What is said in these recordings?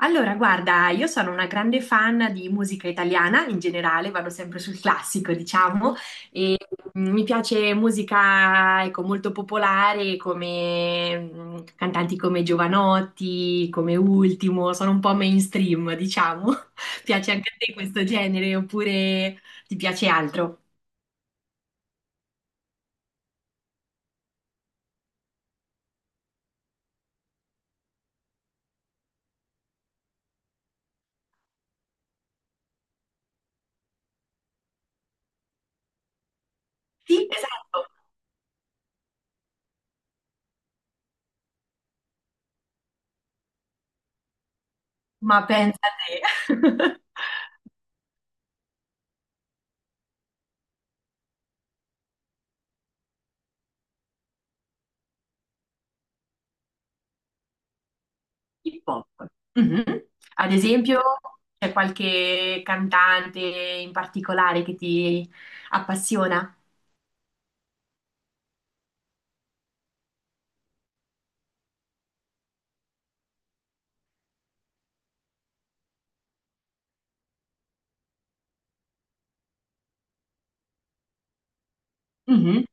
Allora, guarda, io sono una grande fan di musica italiana in generale, vado sempre sul classico, diciamo, e mi piace musica, ecco, molto popolare come cantanti come Giovanotti, come Ultimo, sono un po' mainstream, diciamo. Piace anche a te questo genere oppure ti piace altro? Sì, esatto, ma pensa a te. Hip hop. Mhm. Ad esempio, c'è qualche cantante in particolare che ti appassiona? Mhm.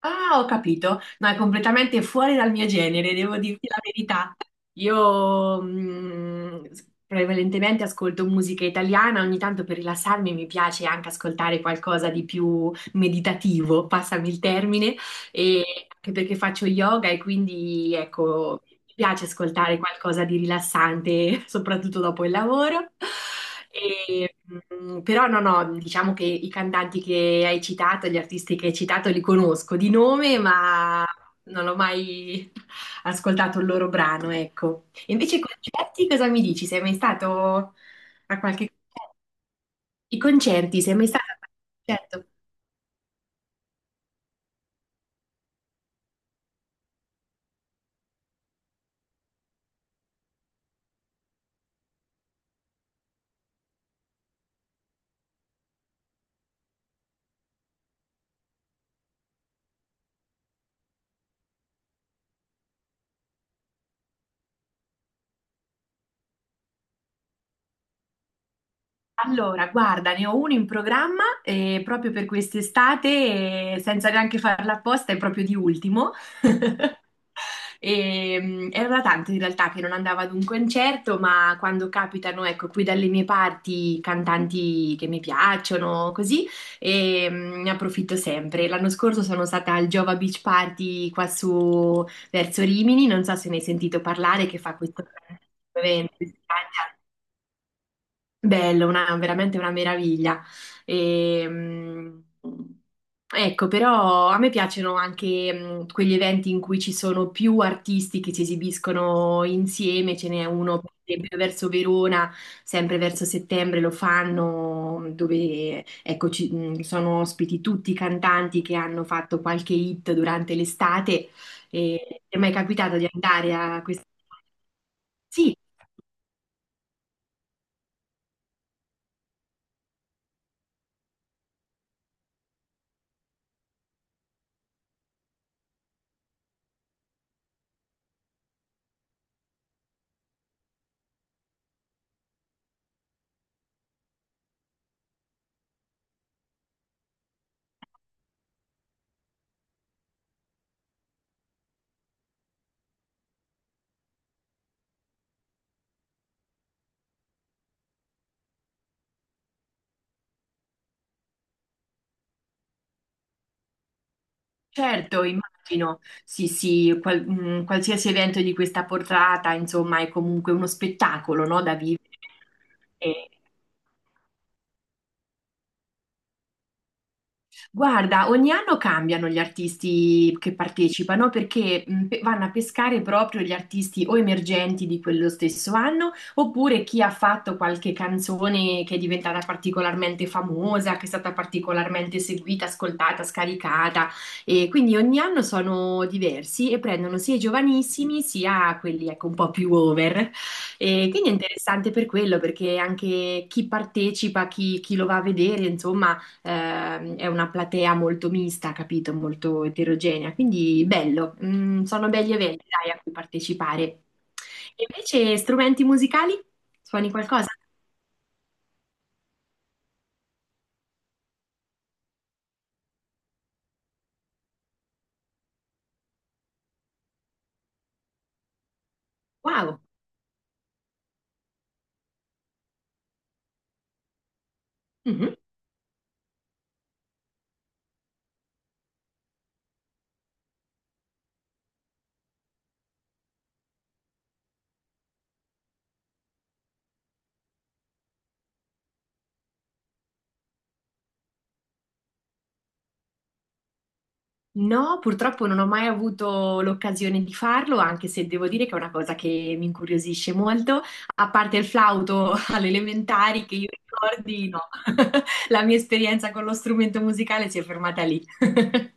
Ah, ho capito. No, è completamente fuori dal mio genere, devo dirti la verità. Io prevalentemente ascolto musica italiana, ogni tanto per rilassarmi mi piace anche ascoltare qualcosa di più meditativo, passami il termine, e anche perché faccio yoga e quindi ecco, mi piace ascoltare qualcosa di rilassante, soprattutto dopo il lavoro. E, Però no, no, diciamo che i cantanti che hai citato, gli artisti che hai citato, li conosco di nome, ma non ho mai ascoltato il loro brano, ecco. E invece i concerti, cosa mi dici? Sei mai stato a qualche... I concerti, sei mai stato a qualche concerto? Allora, guarda, ne ho uno in programma proprio per quest'estate, senza neanche farla apposta, è proprio di ultimo. Era da tanto in realtà che non andavo ad un concerto, ma quando capitano, ecco, qui dalle mie parti cantanti che mi piacciono, così, ne approfitto sempre. L'anno scorso sono stata al Giova Beach Party qua su verso Rimini, non so se ne hai sentito parlare, che fa questo evento. In Spagna. Bello, una, veramente una meraviglia. E, mh, ecco, però a me piacciono anche quegli eventi in cui ci sono più artisti che si esibiscono insieme, ce n'è uno per esempio verso Verona, sempre verso settembre lo fanno, dove ecco, sono ospiti tutti i cantanti che hanno fatto qualche hit durante l'estate. E ti è mai capitato di andare a questo? Sì. Certo, immagino, sì, sì, qualsiasi evento di questa portata, insomma, è comunque uno spettacolo, no, da vivere. Guarda, ogni anno cambiano gli artisti che partecipano perché vanno a pescare proprio gli artisti o emergenti di quello stesso anno, oppure chi ha fatto qualche canzone che è diventata particolarmente famosa, che è stata particolarmente seguita, ascoltata, scaricata. E quindi ogni anno sono diversi e prendono sia i giovanissimi sia quelli ecco, un po' più over. E quindi è interessante per quello, perché anche chi partecipa, chi, chi lo va a vedere, insomma. È una platea molto mista, capito? Molto eterogenea, quindi bello. Mm, sono belli eventi, dai, a cui partecipare. E invece strumenti musicali? Suoni qualcosa? Wow! Mhm. No, purtroppo non ho mai avuto l'occasione di farlo, anche se devo dire che è una cosa che mi incuriosisce molto, a parte il flauto alle elementari che io ricordi, no, la mia esperienza con lo strumento musicale si è fermata lì.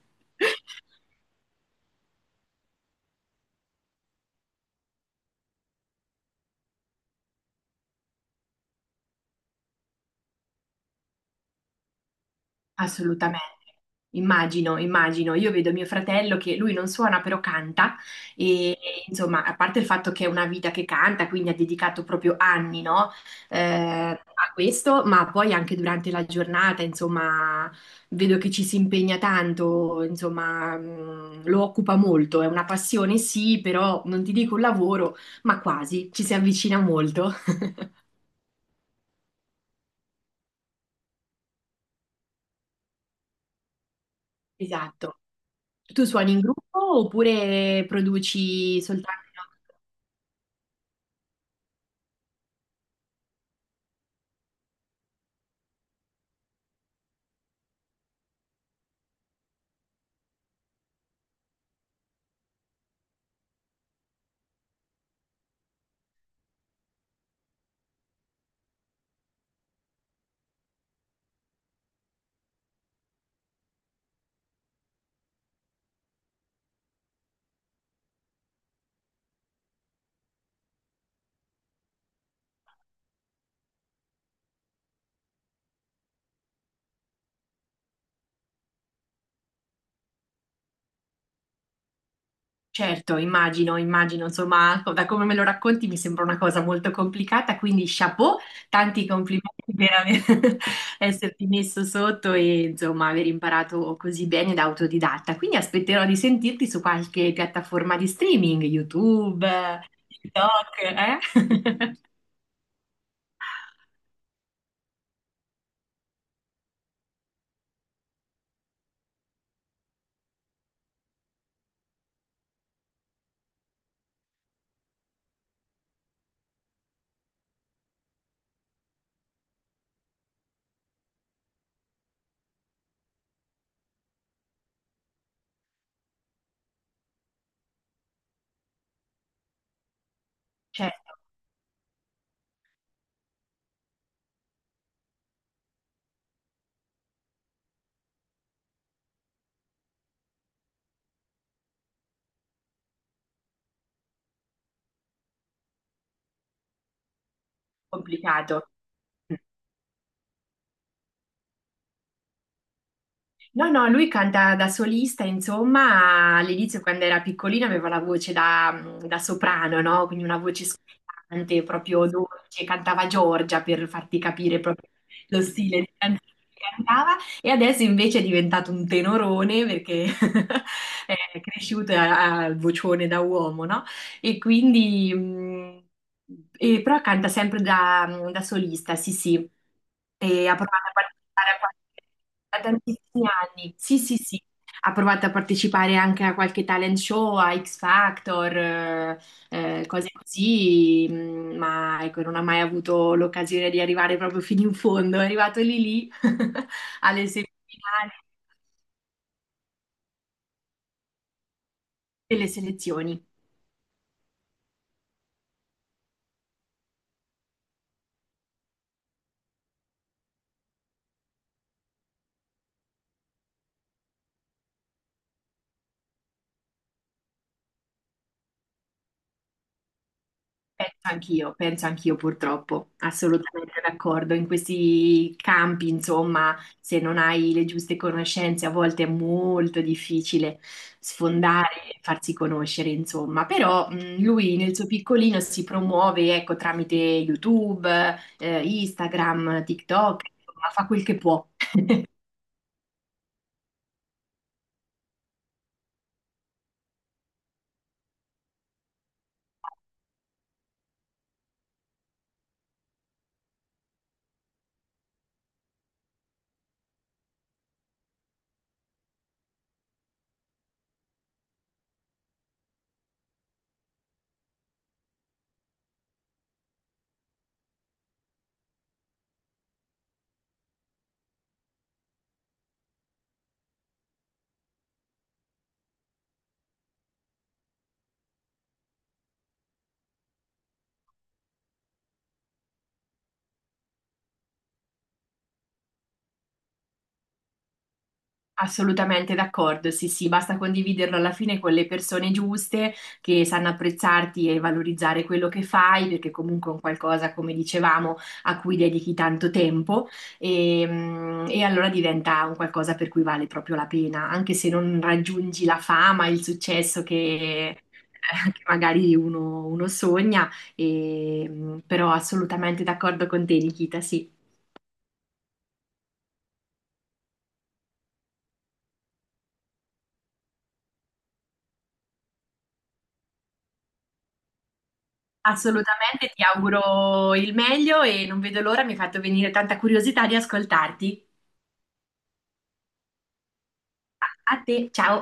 Assolutamente. Immagino, immagino. Io vedo mio fratello che lui non suona però canta e e, insomma, a parte il fatto che è una vita che canta, quindi ha dedicato proprio anni, no, a questo, ma poi anche durante la giornata, insomma, vedo che ci si impegna tanto, insomma, lo occupa molto. È una passione, sì, però non ti dico un lavoro, ma quasi, ci si avvicina molto. Esatto. Tu suoni in gruppo oppure produci soltanto? Certo, immagino, immagino, insomma, da come me lo racconti mi sembra una cosa molto complicata, quindi chapeau, tanti complimenti per aver, esserti messo sotto e insomma aver imparato così bene da autodidatta. Quindi aspetterò di sentirti su qualche piattaforma di streaming, YouTube, TikTok, eh? Certo, complicato. No, no, lui canta da solista, insomma, all'inizio quando era piccolino aveva la voce da, da soprano, no? Quindi una voce scottante, proprio dolce, cantava Giorgia per farti capire proprio lo stile di canzone che cantava, e adesso invece è diventato un tenorone perché è cresciuto al vocione da uomo, no? E quindi... e però canta sempre da, da solista, sì, sì, e ha provato a partecipare da tantissimi anni. Sì, sì, sì. Ha provato a partecipare anche a qualche talent show, a X Factor, cose così, ma ecco, non ha mai avuto l'occasione di arrivare proprio fino in fondo. È arrivato lì lì alle semifinali delle selezioni. Penso anch'io purtroppo, assolutamente d'accordo. In questi campi, insomma, se non hai le giuste conoscenze, a volte è molto difficile sfondare e farsi conoscere, insomma. Però lui nel suo piccolino si promuove, ecco, tramite YouTube, Instagram, TikTok, insomma, fa quel che può. Assolutamente d'accordo, sì, sì, basta condividerlo alla fine con le persone giuste che sanno apprezzarti e valorizzare quello che fai, perché comunque è un qualcosa, come dicevamo, a cui dedichi tanto tempo e allora diventa un qualcosa per cui vale proprio la pena, anche se non raggiungi la fama, il successo che, che magari uno, uno sogna, però assolutamente d'accordo con te, Nikita, sì. Assolutamente, ti auguro il meglio e non vedo l'ora, mi hai fatto venire tanta curiosità di ascoltarti. A a te, ciao.